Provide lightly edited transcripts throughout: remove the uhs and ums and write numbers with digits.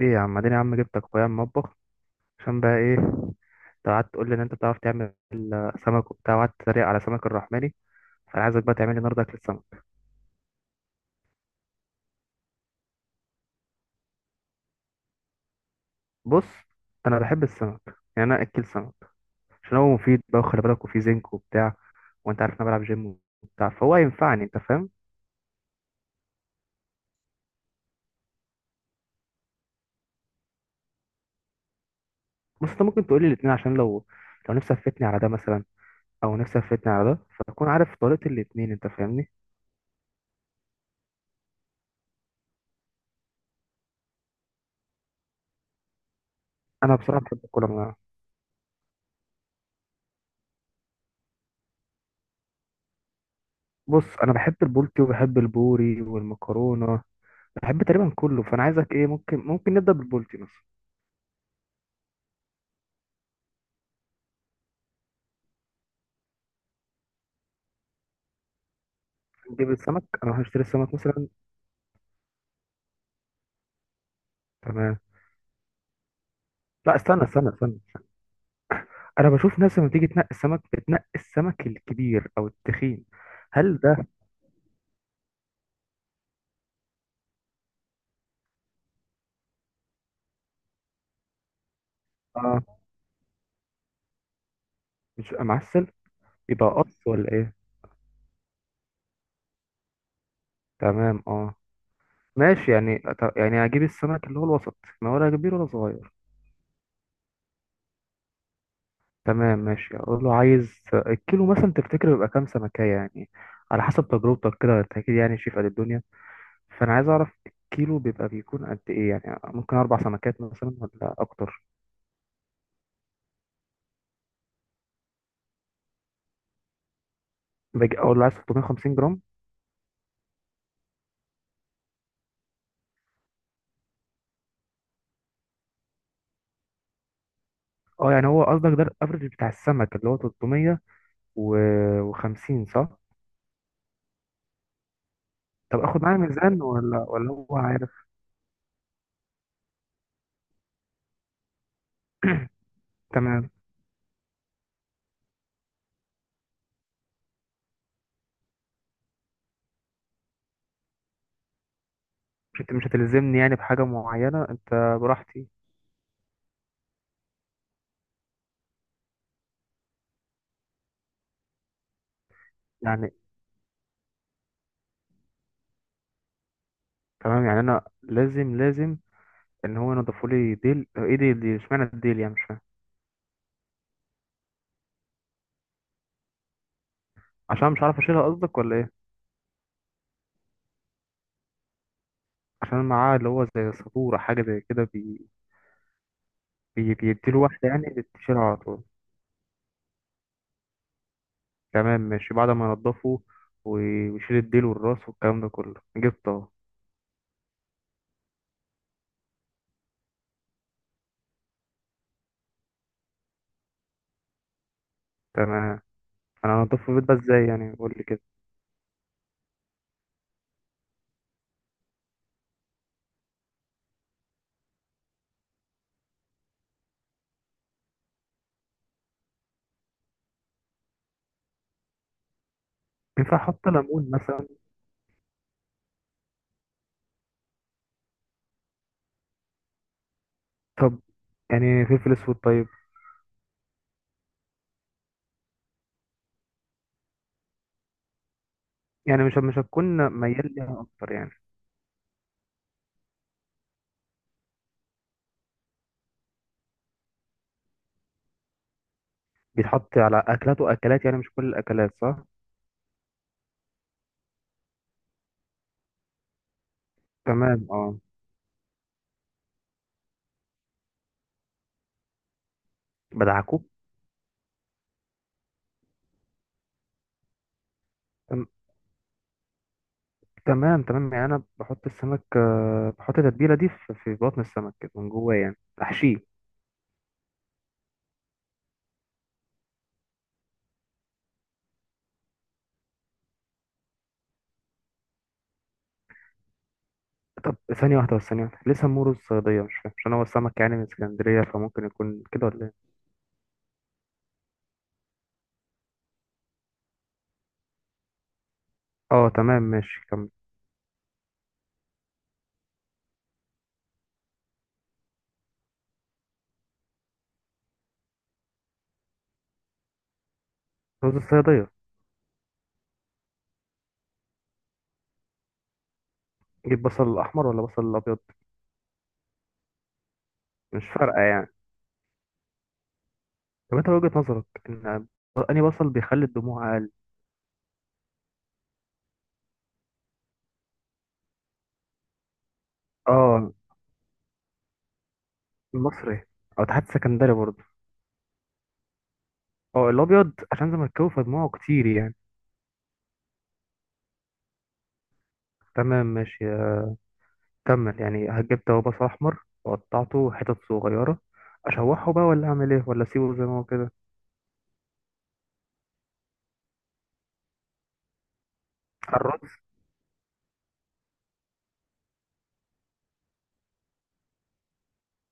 ايه يا عم اديني يا عم جبتك اخويا المطبخ عشان بقى ايه؟ انت قعدت تقول لي ان انت بتعرف تعمل سمك وبتاع، وقعدت تتريق على سمك الرحماني، فانا عايزك بقى تعمل لي النهارده اكل السمك. بص، انا بحب السمك، يعني انا اكل سمك عشان هو مفيد بقى، وخلي بالك وفيه زنك وبتاع، وانت عارف إن انا بلعب جيم وبتاع، فهو هينفعني، انت فاهم. بص، انت ممكن تقول لي الاثنين، عشان لو نفسي افتني على ده مثلا، او نفسي افتني على ده، فاكون عارف طريقه الاثنين، انت فاهمني. انا بصراحه بحب كل انواع. بص انا بحب البولتي وبحب البوري والمكرونه، بحب تقريبا كله، فانا عايزك ايه، ممكن نبدا بالبولتي مثلا. نجيب السمك، انا هروح اشتري السمك مثلا. تمام. لا استنى استنى استنى، انا بشوف ناس لما تيجي تنقي السمك بتنقي السمك الكبير او التخين، هل ده؟ اه. مش بيبقى معسل. يبقى قص ولا ايه؟ تمام اه. ماشي، يعني يعني هجيب السمك اللي هو الوسط، ما ولا كبير ولا صغير. تمام ماشي، اقول له عايز الكيلو مثلا، تفتكر بيبقى كام سمكية يعني؟ على حسب تجربتك كده، انت اكيد يعني شايف قد الدنيا، فانا عايز اعرف الكيلو بيبقى بيكون قد ايه يعني؟ ممكن اربع سمكات مثلا ولا اكتر؟ باجي اقول له عايز 350 جرام. اه يعني هو قصدك ده الافرج بتاع السمك اللي هو 350 صح؟ طب اخد معايا ميزان، ولا هو عارف؟ تمام. مش هتلزمني يعني بحاجه معينه انت، براحتي يعني. تمام، يعني انا لازم لازم ان هو ينضفوا لي ديل، ايه ديل دي؟ اشمعنى الديل يعني؟ مش فاهم. عشان مش عارف اشيلها قصدك ولا ايه؟ عشان معاه اللي هو زي سبورة، حاجه زي كده. بيديله واحدة يعني، بتشيلها على طول. تمام ماشي، بعد ما ينضفه ويشيل الديل والراس والكلام ده كله، جبته اهو. تمام. انا هنضفه في البيت بقى ازاي يعني؟ قول لي كده. ينفع احط ليمون مثلا؟ طب يعني فلفل اسود طيب؟ يعني مش مش هتكون ميال ليها اكتر يعني؟ بيتحط على اكلات واكلات، يعني مش كل الاكلات صح. تمام اه. بدعكوك؟ تم- تمام تمام، يعني انا بحط السمك، بحط التتبيله دي في بطن السمك كده من جوه يعني، احشيه. طب ثانية واحدة بس، ثانية واحدة، ليه سموه رز صيادية؟ مش فاهم. عشان هو السمك يعني من اسكندرية، فممكن يكون كده ولا ايه؟ اه تمام ماشي، كمل. رز الصيادية. جيب بصل أحمر ولا بصل أبيض؟ مش فارقة يعني؟ طب انت وجهة نظرك ان أنهي بصل بيخلي الدموع أقل؟ اه. المصري، أو تحت سكندري برضه. اه، الأبيض عشان زملكاوي فدموعه كتير يعني. تمام ماشي، كمل. يعني هجيب هو بصل أحمر وقطعته حتت صغيرة، أشوحه بقى ولا أعمل ايه ولا أسيبه زي ما هو كده؟ الرز.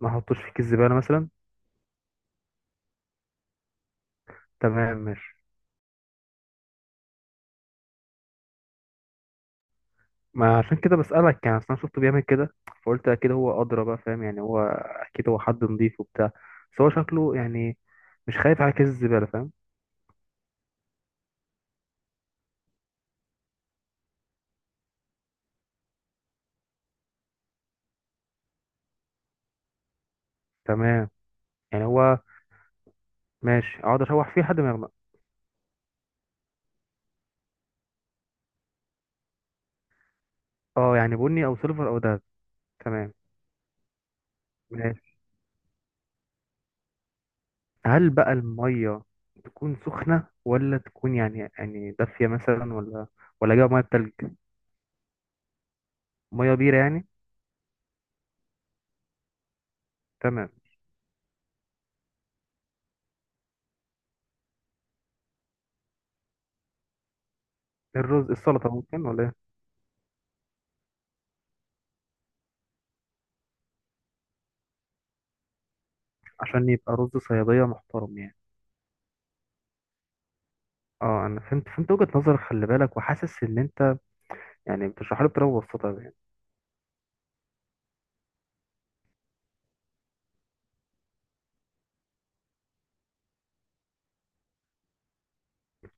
ما احطوش في كيس زبالة مثلا؟ تمام ماشي. ما عشان كده بسألك يعني، أصل أنا شفته بيعمل كده، فقلت أكيد هو أدرى بقى، فاهم يعني، هو أكيد هو حد نضيف وبتاع، بس هو شكله يعني مش خايف على كيس الزبالة، فاهم. تمام. يعني هو ماشي، أقعد أشوح فيه لحد ما يغمق. أه، يعني بني أو سيلفر أو دهب. تمام ماشي. هل بقى المية تكون سخنة، ولا تكون يعني يعني دافية مثلا، ولا أجيب مية بتلج؟ مية بيرة يعني؟ تمام. الرز. السلطة ممكن ولا إيه؟ عشان يبقى رز صيادية محترم يعني. اه انا فهمت فهمت وجهة نظرك، خلي بالك وحاسس ان انت يعني بتشرح لي بطريقه مبسطه يعني.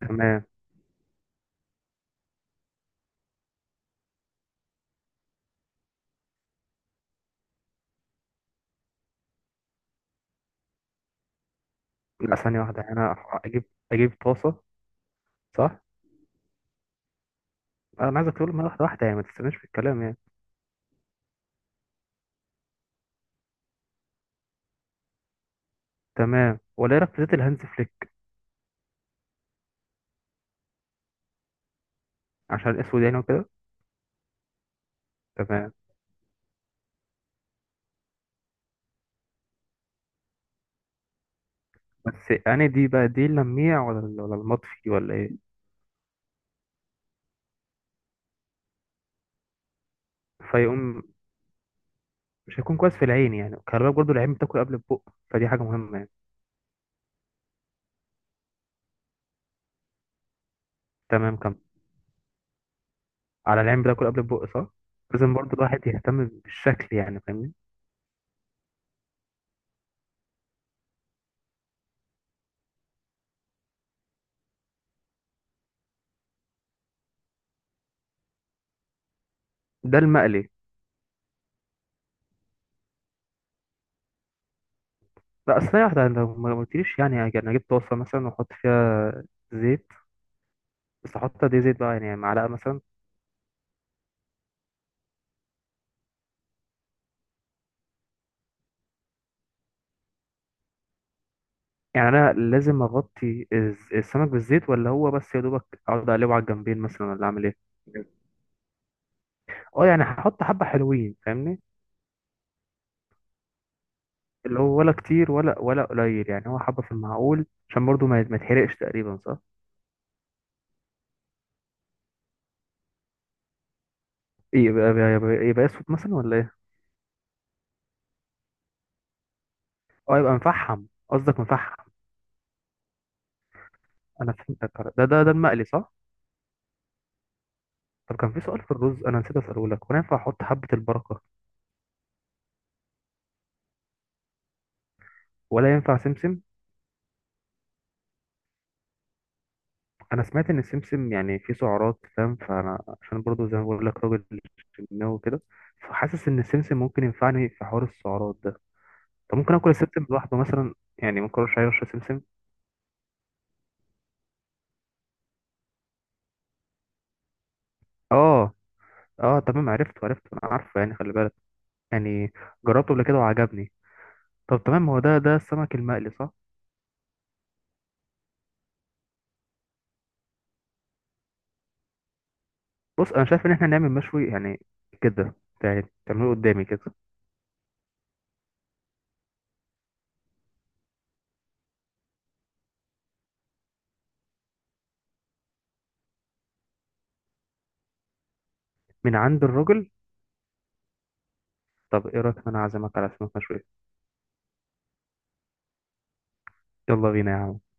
تمام. لا ثانيه واحده، يعني انا اجيب طاسه؟ صح. انا عايزك تقول لي واحده واحده يعني، ما تستناش في الكلام يعني. تمام. ولا إيه رايك في زيت الهانز فليك؟ عشان الاسود يعني وكده. تمام. بس انا دي بقى دي اللميع، ولا ولا المطفي ولا ايه؟ فيقوم مش هيكون كويس في العين يعني، خلي بالك برضه، العين بتاكل قبل البق، فدي حاجه مهمه يعني. تمام. كم على العين بتاكل قبل البق صح. لازم برضه الواحد يهتم بالشكل، يعني فاهمني. ده المقلي؟ لا اصل هي واحدة لو ما قلتليش، يعني انا جبت طاسة مثلا واحط فيها زيت، بس احط قد ايه زيت بقى يعني؟ معلقة مثلا؟ يعني انا لازم اغطي الز- السمك بالزيت، ولا هو بس يا دوبك اقعد اقلبه على الجنبين مثلا، ولا اعمل ايه؟ اه، يعني هحط حبة حلوين، فاهمني. اللي هو ولا كتير ولا ولا قليل، يعني هو حبة في المعقول، عشان برضو ما يتحرقش تقريبا، صح؟ ايه، يبقى اسود مثلا ولا ايه؟ اه، يبقى مفحم قصدك، مفحم. انا فهمتك. ده المقلي صح. طب كان في سؤال في الرز انا نسيت اساله لك، هو أنا ينفع احط حبة البركة؟ ولا ينفع سمسم؟ انا سمعت ان السمسم يعني فيه سعرات، فاهم، فانا عشان برضو زي ما بقول لك راجل جيماوي وكده، فحاسس ان السمسم ممكن ينفعني في حوار السعرات ده. طب ممكن اكل السمسم لوحده مثلا يعني، ما اكلش اي رشه سمسم؟ اه. اه تمام، عرفت عرفت، انا عارفه يعني، خلي بالك يعني، جربته قبل كده وعجبني. طب تمام، هو ده السمك المقلي صح. بص انا شايف ان احنا نعمل مشوي يعني كده، يعني تعمله قدامي كده. من عند الراجل. طب ايه رايك ان انا اعزمك على سمك مشوي؟ يلا بينا يا عم.